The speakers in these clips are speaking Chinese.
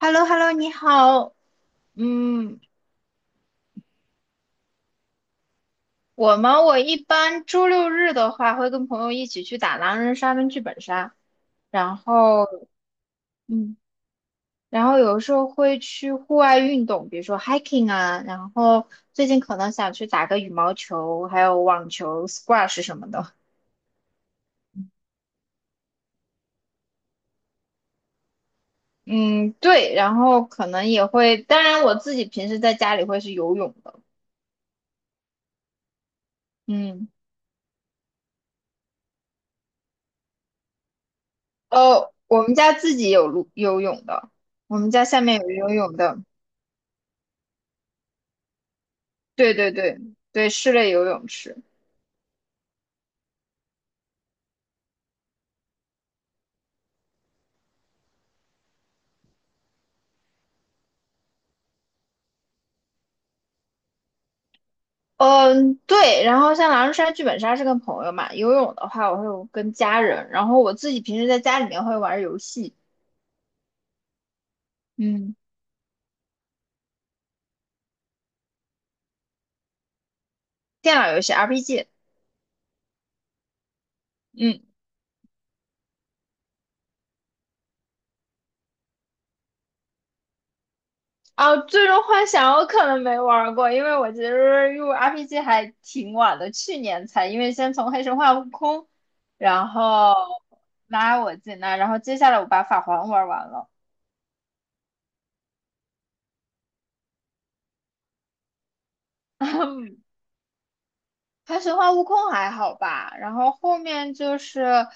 h e l l o h e l l o 你好。嗯，我吗？我一般周六日的话，会跟朋友一起去打狼人杀跟剧本杀，然后，嗯，然后有时候会去户外运动，比如说 hiking 啊，然后最近可能想去打个羽毛球，还有网球、squash 什么的。嗯，对，然后可能也会，当然我自己平时在家里会是游泳的。嗯，哦，我们家自己有路游泳的，我们家下面有游泳的。对对对，室内游泳池。嗯，对。然后像狼人杀、剧本杀是跟朋友嘛，游泳的话我会跟家人，然后我自己平时在家里面会玩游戏，嗯，电脑游戏 RPG，嗯。啊，最终幻想我可能没玩过，因为我其实入 RPG 还挺晚的，去年才，因为先从黑神话悟空，然后拉我进来，然后接下来我把法环玩完了。还神话悟空还好吧，然后后面就是，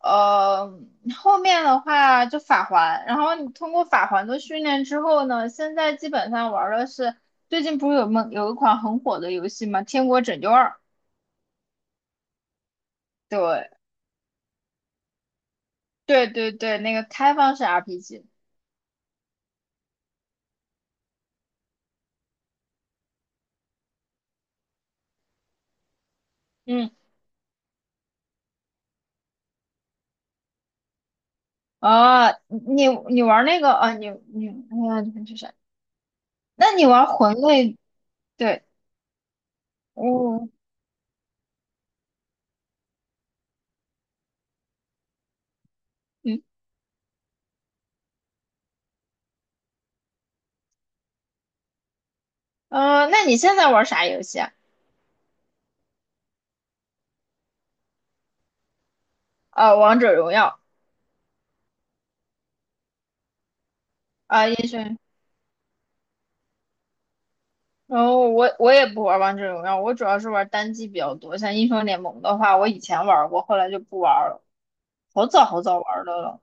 呃，后面的话就法环，然后你通过法环的训练之后呢，现在基本上玩的是最近不是有梦有一款很火的游戏吗？《天国拯救二》，对对对对，那个开放式 RPG，嗯，啊，你玩那个啊，你哎呀，你这是，那你玩魂类？对，哦，嗯，那你现在玩啥游戏啊？啊，王者荣耀。啊，英雄然后我也不玩王者荣耀，我主要是玩单机比较多。像英雄联盟的话，我以前玩过，后来就不玩了，好早好早玩的了。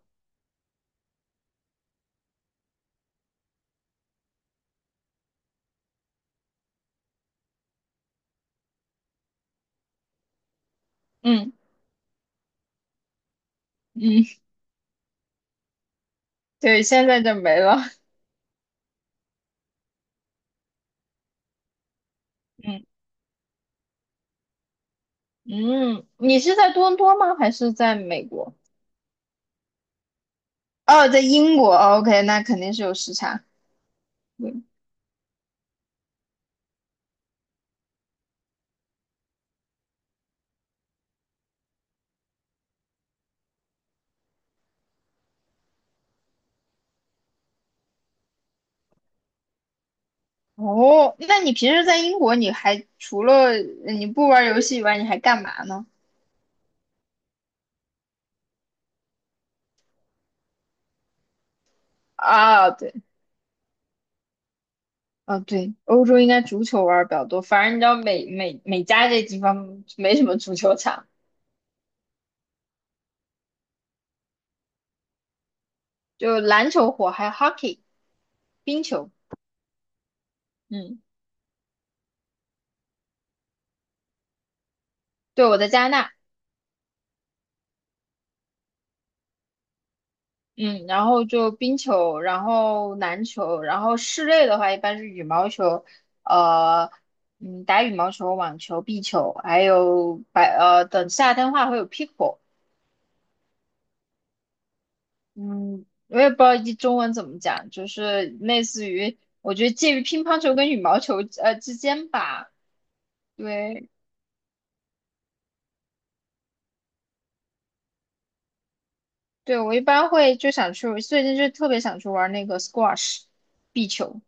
嗯，嗯，对，现在就没了。嗯，嗯，你是在多伦多吗？还是在美国？哦，在英国。哦 OK，那肯定是有时差。对，哦，那你平时在英国，你还除了你不玩游戏以外，你还干嘛呢？啊，对。啊，对，欧洲应该足球玩儿比较多，反正你知道美加这地方没什么足球场，就篮球火，还有 hockey 冰球，嗯，对，我在加拿大，嗯，然后就冰球，然后篮球，然后室内的话一般是羽毛球，呃，嗯，打羽毛球、网球、壁球，还有等夏天的话会有 pickle，嗯，我也不知道一中文怎么讲，就是类似于。我觉得介于乒乓球跟羽毛球之间吧，对对，我一般会就想去，最近就特别想去玩那个 squash 壁球。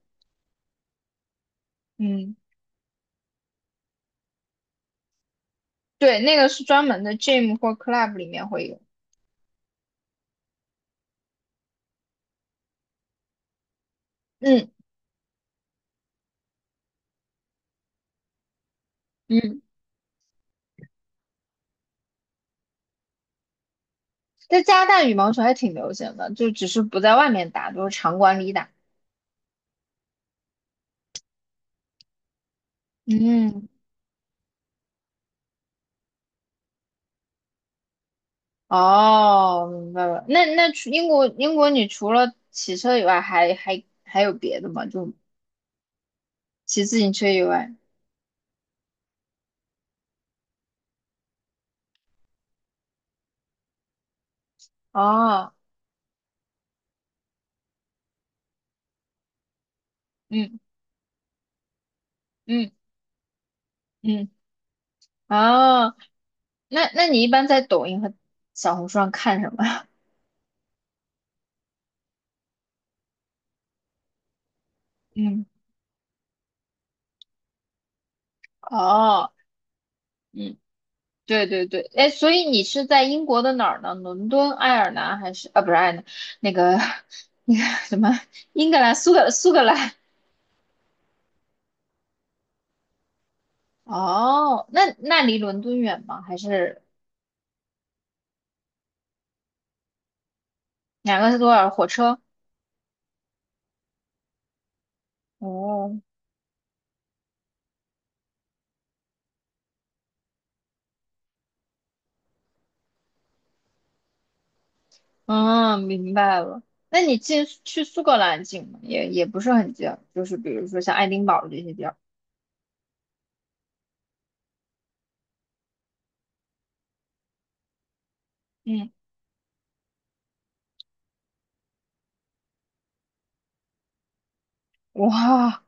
嗯，对，那个是专门的 gym 或 club 里面会有。嗯，嗯，在加拿大羽毛球还挺流行的，就只是不在外面打，都是场馆里打。嗯，哦，明白了。那那除英国，你除了骑车以外还，还还有别的吗？就骑自行车以外。哦，嗯嗯嗯。哦，那那你一般在抖音和小红书上看什么呀？嗯，哦，嗯，对对对，哎，所以你是在英国的哪儿呢？伦敦、爱尔兰还是啊？不是爱尔兰，那个 那个什么，英格兰、苏格兰。哦，那那离伦敦远吗？还是两个是多少火车？哦，嗯，明白了。那你进去苏格兰近吗？也也不是很近，就是比如说像爱丁堡这些地儿。嗯，哇。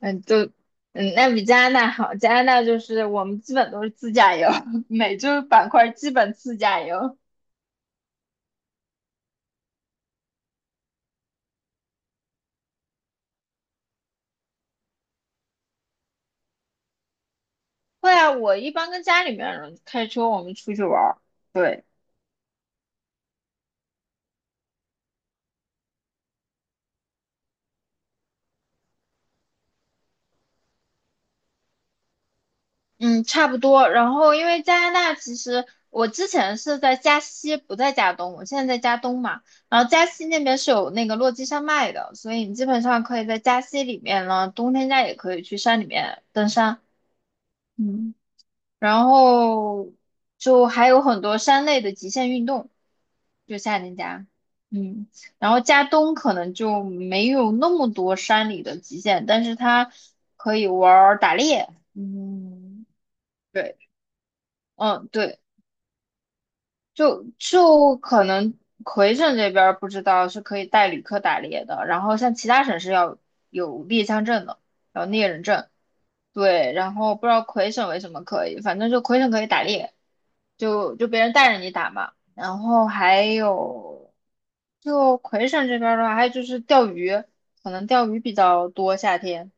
嗯，就嗯，那比加拿大好，加拿大就是我们基本都是自驾游，每周板块基本自驾游。对啊，我一般跟家里面人开车，我们出去玩儿。对，嗯，差不多。然后因为加拿大其实我之前是在加西，不在加东，我现在在加东嘛。然后加西那边是有那个落基山脉的，所以你基本上可以在加西里面呢，冬天家也可以去山里面登山。嗯。然后就还有很多山类的极限运动，就夏令家，嗯，然后加东可能就没有那么多山里的极限，但是它可以玩儿打猎，嗯，对，嗯，对，就就可能魁省这边儿不知道是可以带旅客打猎的，然后像其他省是要有猎枪证的，有猎人证。对，然后不知道魁省为什么可以，反正就魁省可以打猎，就就别人带着你打嘛。然后还有，就魁省这边儿的话，还有就是钓鱼，可能钓鱼比较多，夏天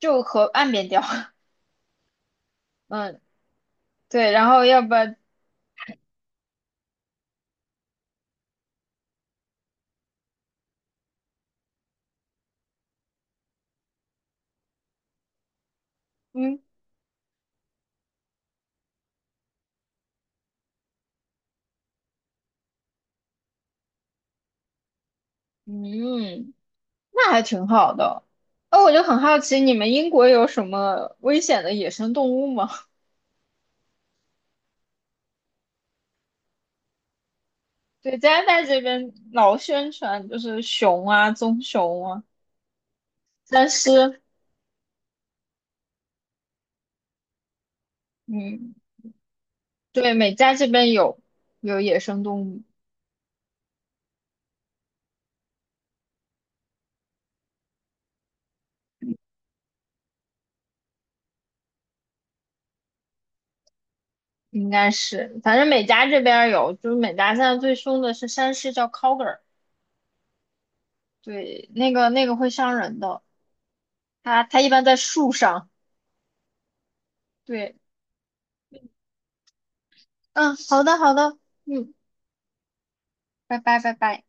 就河岸边钓。嗯，对，然后要不然，嗯，嗯。那还挺好的。哦，我就很好奇，你们英国有什么危险的野生动物吗？对，加拿大这边老宣传就是熊啊、棕熊啊、但是，嗯，对，美加这边有有野生动物，应该是，反正美加这边儿有，就是美加现在最凶的是山狮，叫 coger 对，那个会伤人的，它它一般在树上。对，嗯，好的好的，嗯，拜拜拜拜。